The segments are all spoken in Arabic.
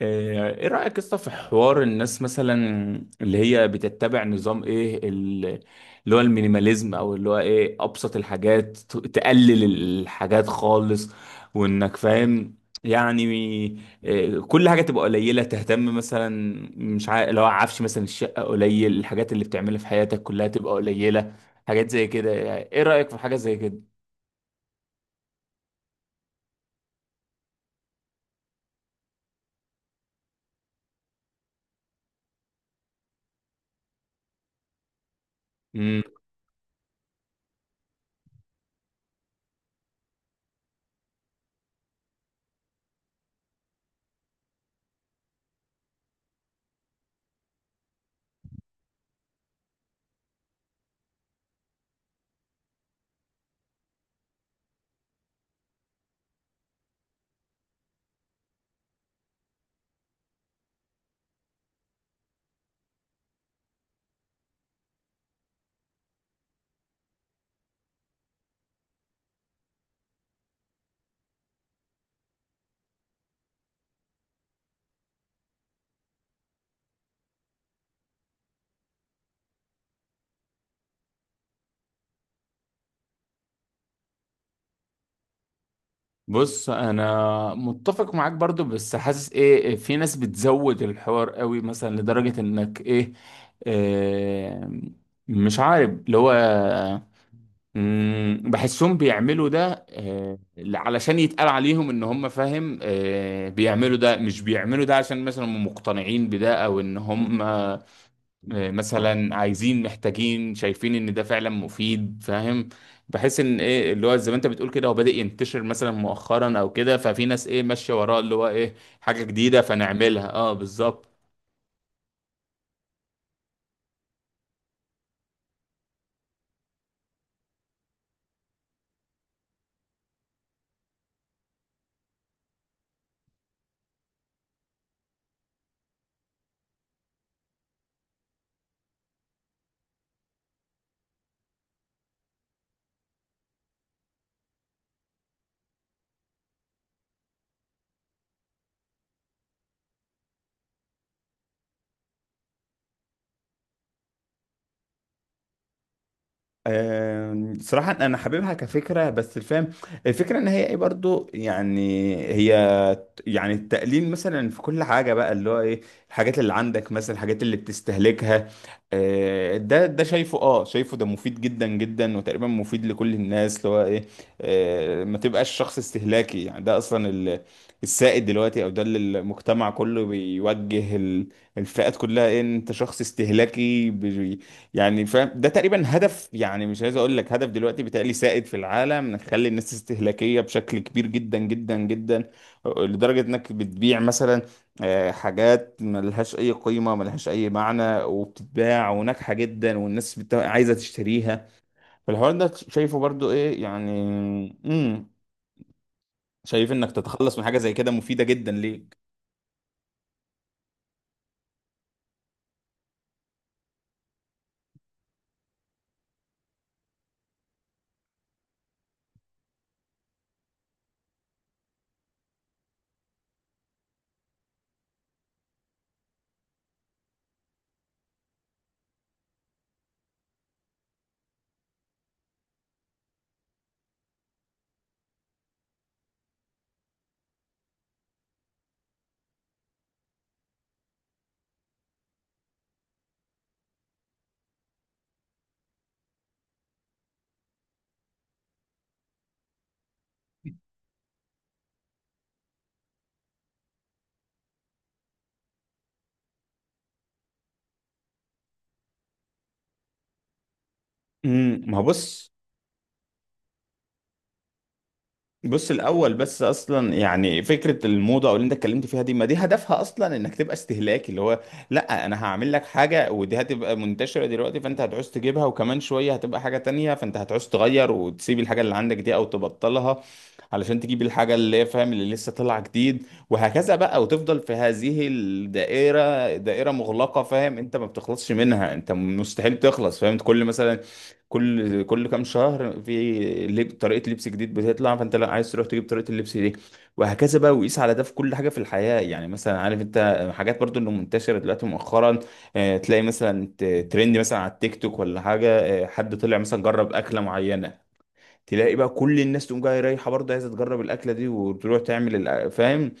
ايه رأيك يا اسطى في حوار الناس مثلا اللي هي بتتبع نظام ايه اللي هو المينيماليزم او اللي هو ايه ابسط الحاجات تقلل الحاجات خالص، وانك فاهم يعني. كل حاجة تبقى قليلة تهتم مثلا، مش عارف، لو عفش مثلا الشقة قليل، الحاجات اللي بتعملها في حياتك كلها تبقى قليلة، حاجات زي كده. يعني ايه رأيك في حاجة زي كده؟ بص انا متفق معاك برضو، بس حاسس ايه إيه، في ناس بتزود الحوار قوي مثلا لدرجة انك ايه، إيه، مش عارف اللي هو بحسهم بيعملوا ده علشان يتقال عليهم ان هم فاهم. بيعملوا ده، مش بيعملوا ده عشان مثلا هم مقتنعين بده، او ان هم مثلا عايزين محتاجين شايفين ان ده فعلا مفيد، فاهم؟ بحيث ان ايه اللي هو زي ما انت بتقول كده هو بادئ ينتشر مثلا مؤخرا او كده، ففي ناس ايه ماشيه وراه اللي هو ايه، حاجه جديده فنعملها. اه بالظبط. صراحة أنا حاببها كفكرة، بس الفهم، الفكرة إن هي إيه برضو، يعني هي يعني التقليل مثلا في كل حاجة بقى اللي هو ايه، الحاجات اللي عندك مثلا، الحاجات اللي بتستهلكها. ده شايفه، اه شايفه ده مفيد جدا جدا، وتقريبا مفيد لكل الناس اللي هو ايه. ما تبقاش شخص استهلاكي، يعني ده اصلا السائد دلوقتي، او ده اللي المجتمع كله بيوجه الفئات كلها ايه، إن انت شخص استهلاكي يعني فاهم؟ ده تقريبا هدف، يعني مش عايز اقول لك هدف دلوقتي، بيتهيألي سائد في العالم، نخلي الناس استهلاكية بشكل كبير جدا جدا جدا، لدرجة انك بتبيع مثلا حاجات ملهاش اي قيمة، ملهاش اي معنى، وبتتباع وناجحة جدا، والناس عايزة تشتريها. فالحوار ده شايفه برضو ايه يعني. امم. شايف انك تتخلص من حاجة زي كده مفيدة جدا ليك. امم. ما هو بص، بص الاول بس، اصلا يعني فكره الموضه او اللي انت اتكلمت فيها دي، ما دي هدفها اصلا انك تبقى استهلاكي اللي هو، لا انا هعمل لك حاجه ودي هتبقى منتشره دلوقتي، فانت هتعوز تجيبها، وكمان شويه هتبقى حاجه تانية، فانت هتعوز تغير وتسيب الحاجه اللي عندك دي او تبطلها علشان تجيب الحاجه اللي هي فاهم، اللي لسه طالعه جديد. وهكذا بقى، وتفضل في هذه الدائره، دائره مغلقه فاهم، انت ما بتخلصش منها، انت مستحيل تخلص فاهم. كل مثلا، كل كام شهر في طريقة لبس جديد بتطلع، فانت لا عايز تروح تجيب طريقة اللبس دي، وهكذا بقى. وقيس على ده في كل حاجة في الحياة. يعني مثلا عارف انت حاجات برضو اللي منتشرة دلوقتي مؤخرا، تلاقي مثلا ترند مثلا على التيك توك ولا حاجة، حد طلع مثلا جرب أكلة معينة، تلاقي بقى كل الناس تقوم جاية رايحة برضه عايزة تجرب الأكلة دي، وتروح تعمل فاهم؟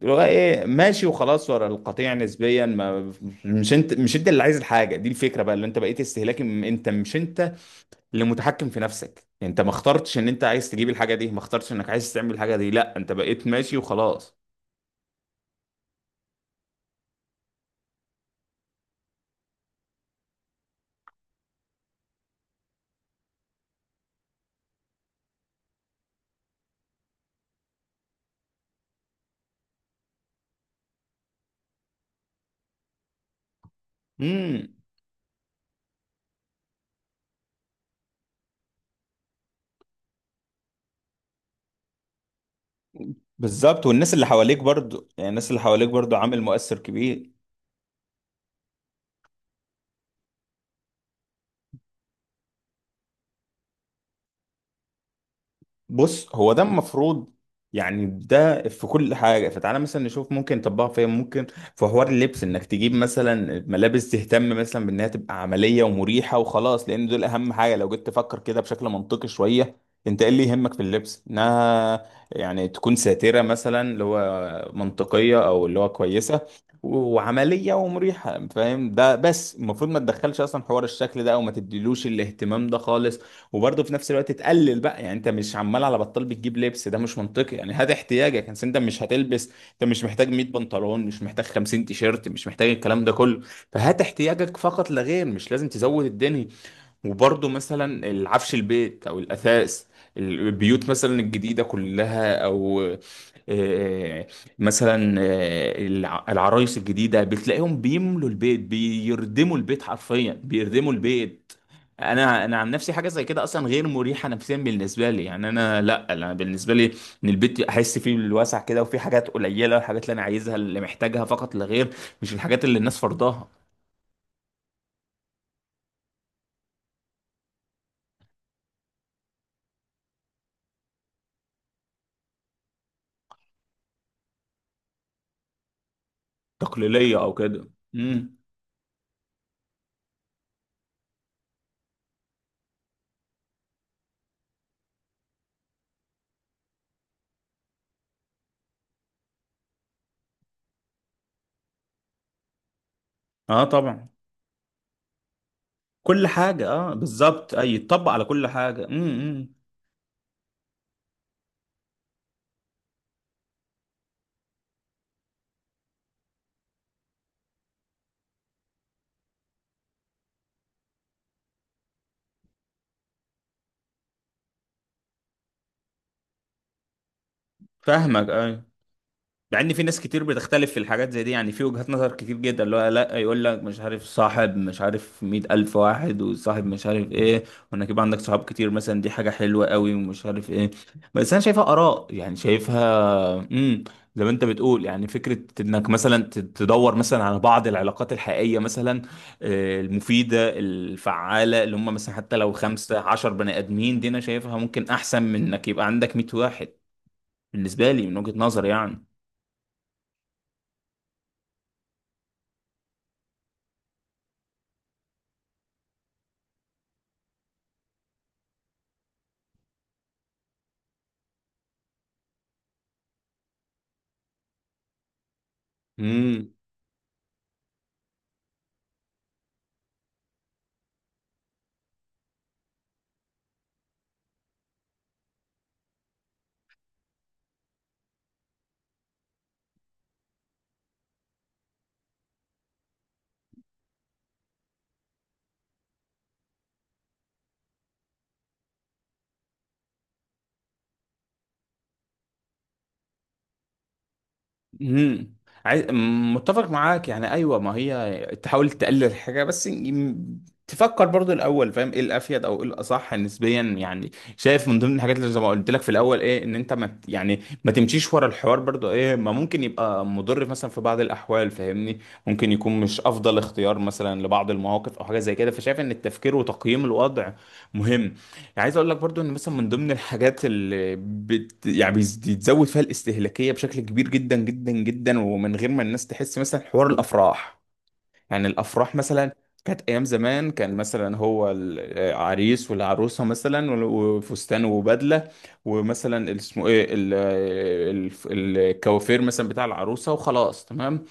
تبقى ايه ماشي وخلاص ورا القطيع نسبيا. ما مش انت اللي عايز الحاجه دي، الفكره بقى اللي انت بقيت استهلاكي، انت مش انت لمتحكم في نفسك، يعني انت ما اخترتش ان انت عايز تجيب الحاجه دي، ما اخترتش انك عايز تعمل الحاجه دي، لا انت بقيت ماشي وخلاص. امم. بالظبط، والناس اللي حواليك برضو يعني، الناس اللي حواليك برضو عامل مؤثر كبير. بص هو ده المفروض يعني، ده في كل حاجة، فتعالى مثلا نشوف ممكن نطبقها فين. ممكن في حوار اللبس انك تجيب مثلا ملابس تهتم مثلا بانها تبقى عملية ومريحة وخلاص، لان دول اهم حاجة. لو جيت تفكر كده بشكل منطقي شوية، انت ايه اللي يهمك في اللبس؟ انها يعني تكون ساترة مثلا، اللي هو منطقية، او اللي هو كويسة وعملية ومريحة، فاهم؟ ده بس المفروض، ما تدخلش اصلا حوار الشكل ده او ما تديلوش الاهتمام ده خالص، وبرضه في نفس الوقت تقلل بقى. يعني انت مش عمال على بطال بتجيب لبس، ده مش منطقي. يعني هات احتياجك، يعني انت مش هتلبس، انت مش محتاج 100 بنطلون، مش محتاج 50 تيشيرت، مش محتاج الكلام ده كله، فهات احتياجك فقط لا غير، مش لازم تزود الدنيا. وبرضه مثلا العفش، البيت او الاثاث، البيوت مثلا الجديده كلها، او آه، مثلا العرايس الجديده بتلاقيهم بيملوا البيت، بيردموا البيت حرفيا بيردموا البيت. انا عن نفسي حاجه زي كده اصلا غير مريحه نفسيا بالنسبه لي، يعني انا، لا انا بالنسبه لي ان البيت احس فيه بالوسع كده، وفي حاجات قليله، الحاجات اللي انا عايزها، اللي محتاجها فقط لا غير، مش الحاجات اللي الناس فرضاها تقليديه او كده. امم. اه طبعا. كل حاجة، اه بالظبط، اي يتطبق على كل حاجة. امم، إمم. فاهمك، اي. مع ان في ناس كتير بتختلف في الحاجات زي دي، يعني في وجهات نظر كتير جدا اللي هو لا، يقول لك مش عارف صاحب، مش عارف مية ألف واحد، وصاحب مش عارف ايه، وانك يبقى عندك صحاب كتير مثلا دي حاجة حلوة قوي، ومش عارف ايه. بس انا شايفها آراء يعني، شايفها، امم، زي ما انت بتقول يعني. فكرة انك مثلا تدور مثلا على بعض العلاقات الحقيقية مثلا، المفيدة الفعالة، اللي هم مثلا حتى لو 15 بني آدمين، دي انا شايفها ممكن احسن من انك يبقى عندك 100 واحد، بالنسبة لي من وجهة نظري يعني. امم. امم. عايز، متفق معاك يعني. ايوه، ما هي تحاول تقلل الحاجه، بس تفكر برضو الاول فاهم، ايه الافيد، او ايه الاصح نسبيا يعني. شايف من ضمن الحاجات اللي زي ما قلت لك في الاول ايه، ان انت ما يعني ما تمشيش ورا الحوار برضو ايه، ما ممكن يبقى مضر مثلا في بعض الاحوال، فاهمني؟ ممكن يكون مش افضل اختيار مثلا لبعض المواقف او حاجه زي كده. فشايف ان التفكير وتقييم الوضع مهم. يعني عايز اقول لك برضو ان مثلا من ضمن الحاجات اللي يعني بيتزود فيها الاستهلاكيه بشكل كبير جدا جدا جدا، ومن غير ما الناس تحس، مثلا حوار الافراح. يعني الافراح مثلا، كانت ايام زمان كان مثلا هو العريس والعروسه مثلا، وفستان وبدله، ومثلا اسمه ايه الكوافير مثلا بتاع العروسه، وخلاص تمام.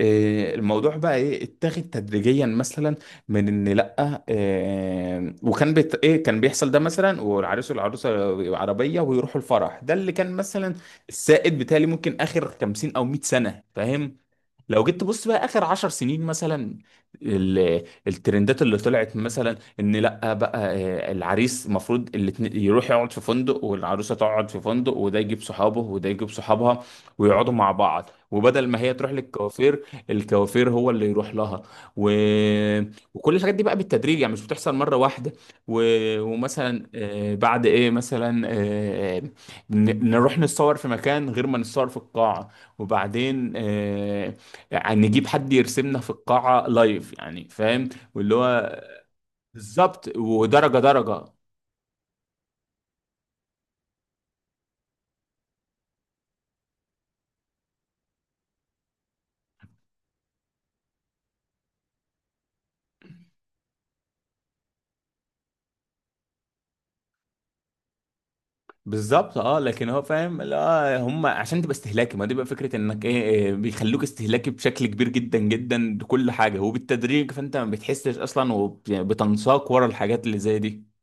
الموضوع بقى ايه، اتاخد تدريجيا مثلا، من ان لا وكان بيت ايه، كان بيحصل ده مثلا، والعريس والعروسه عربيه ويروحوا الفرح، ده اللي كان مثلا السائد بتاعي ممكن اخر 50 او 100 سنه فاهم. لو جيت تبص بقى اخر 10 سنين مثلا، الترندات اللي طلعت مثلا ان لا بقى، العريس المفروض يروح يقعد في فندق، والعروسه تقعد في فندق، وده يجيب صحابه وده يجيب صحابها، ويقعدوا مع بعض، وبدل ما هي تروح للكوافير، الكوافير هو اللي يروح لها، و... وكل الحاجات دي بقى بالتدريج، يعني مش بتحصل مره واحده، و... ومثلا بعد ايه مثلا نروح نتصور في مكان غير ما نتصور في القاعه، وبعدين يعني نجيب حد يرسمنا في القاعة لايف يعني فاهم، واللي هو، بالظبط، ودرجة. بالظبط اه. لكن هو فاهم لا، هم عشان تبقى استهلاكي، ما دي بقى فكرة انك ايه، إيه، بيخلوك استهلاكي بشكل كبير جدا جدا بكل حاجة وبالتدريج، فانت ما بتحسش اصلا، وبتنساق ورا الحاجات اللي زي دي.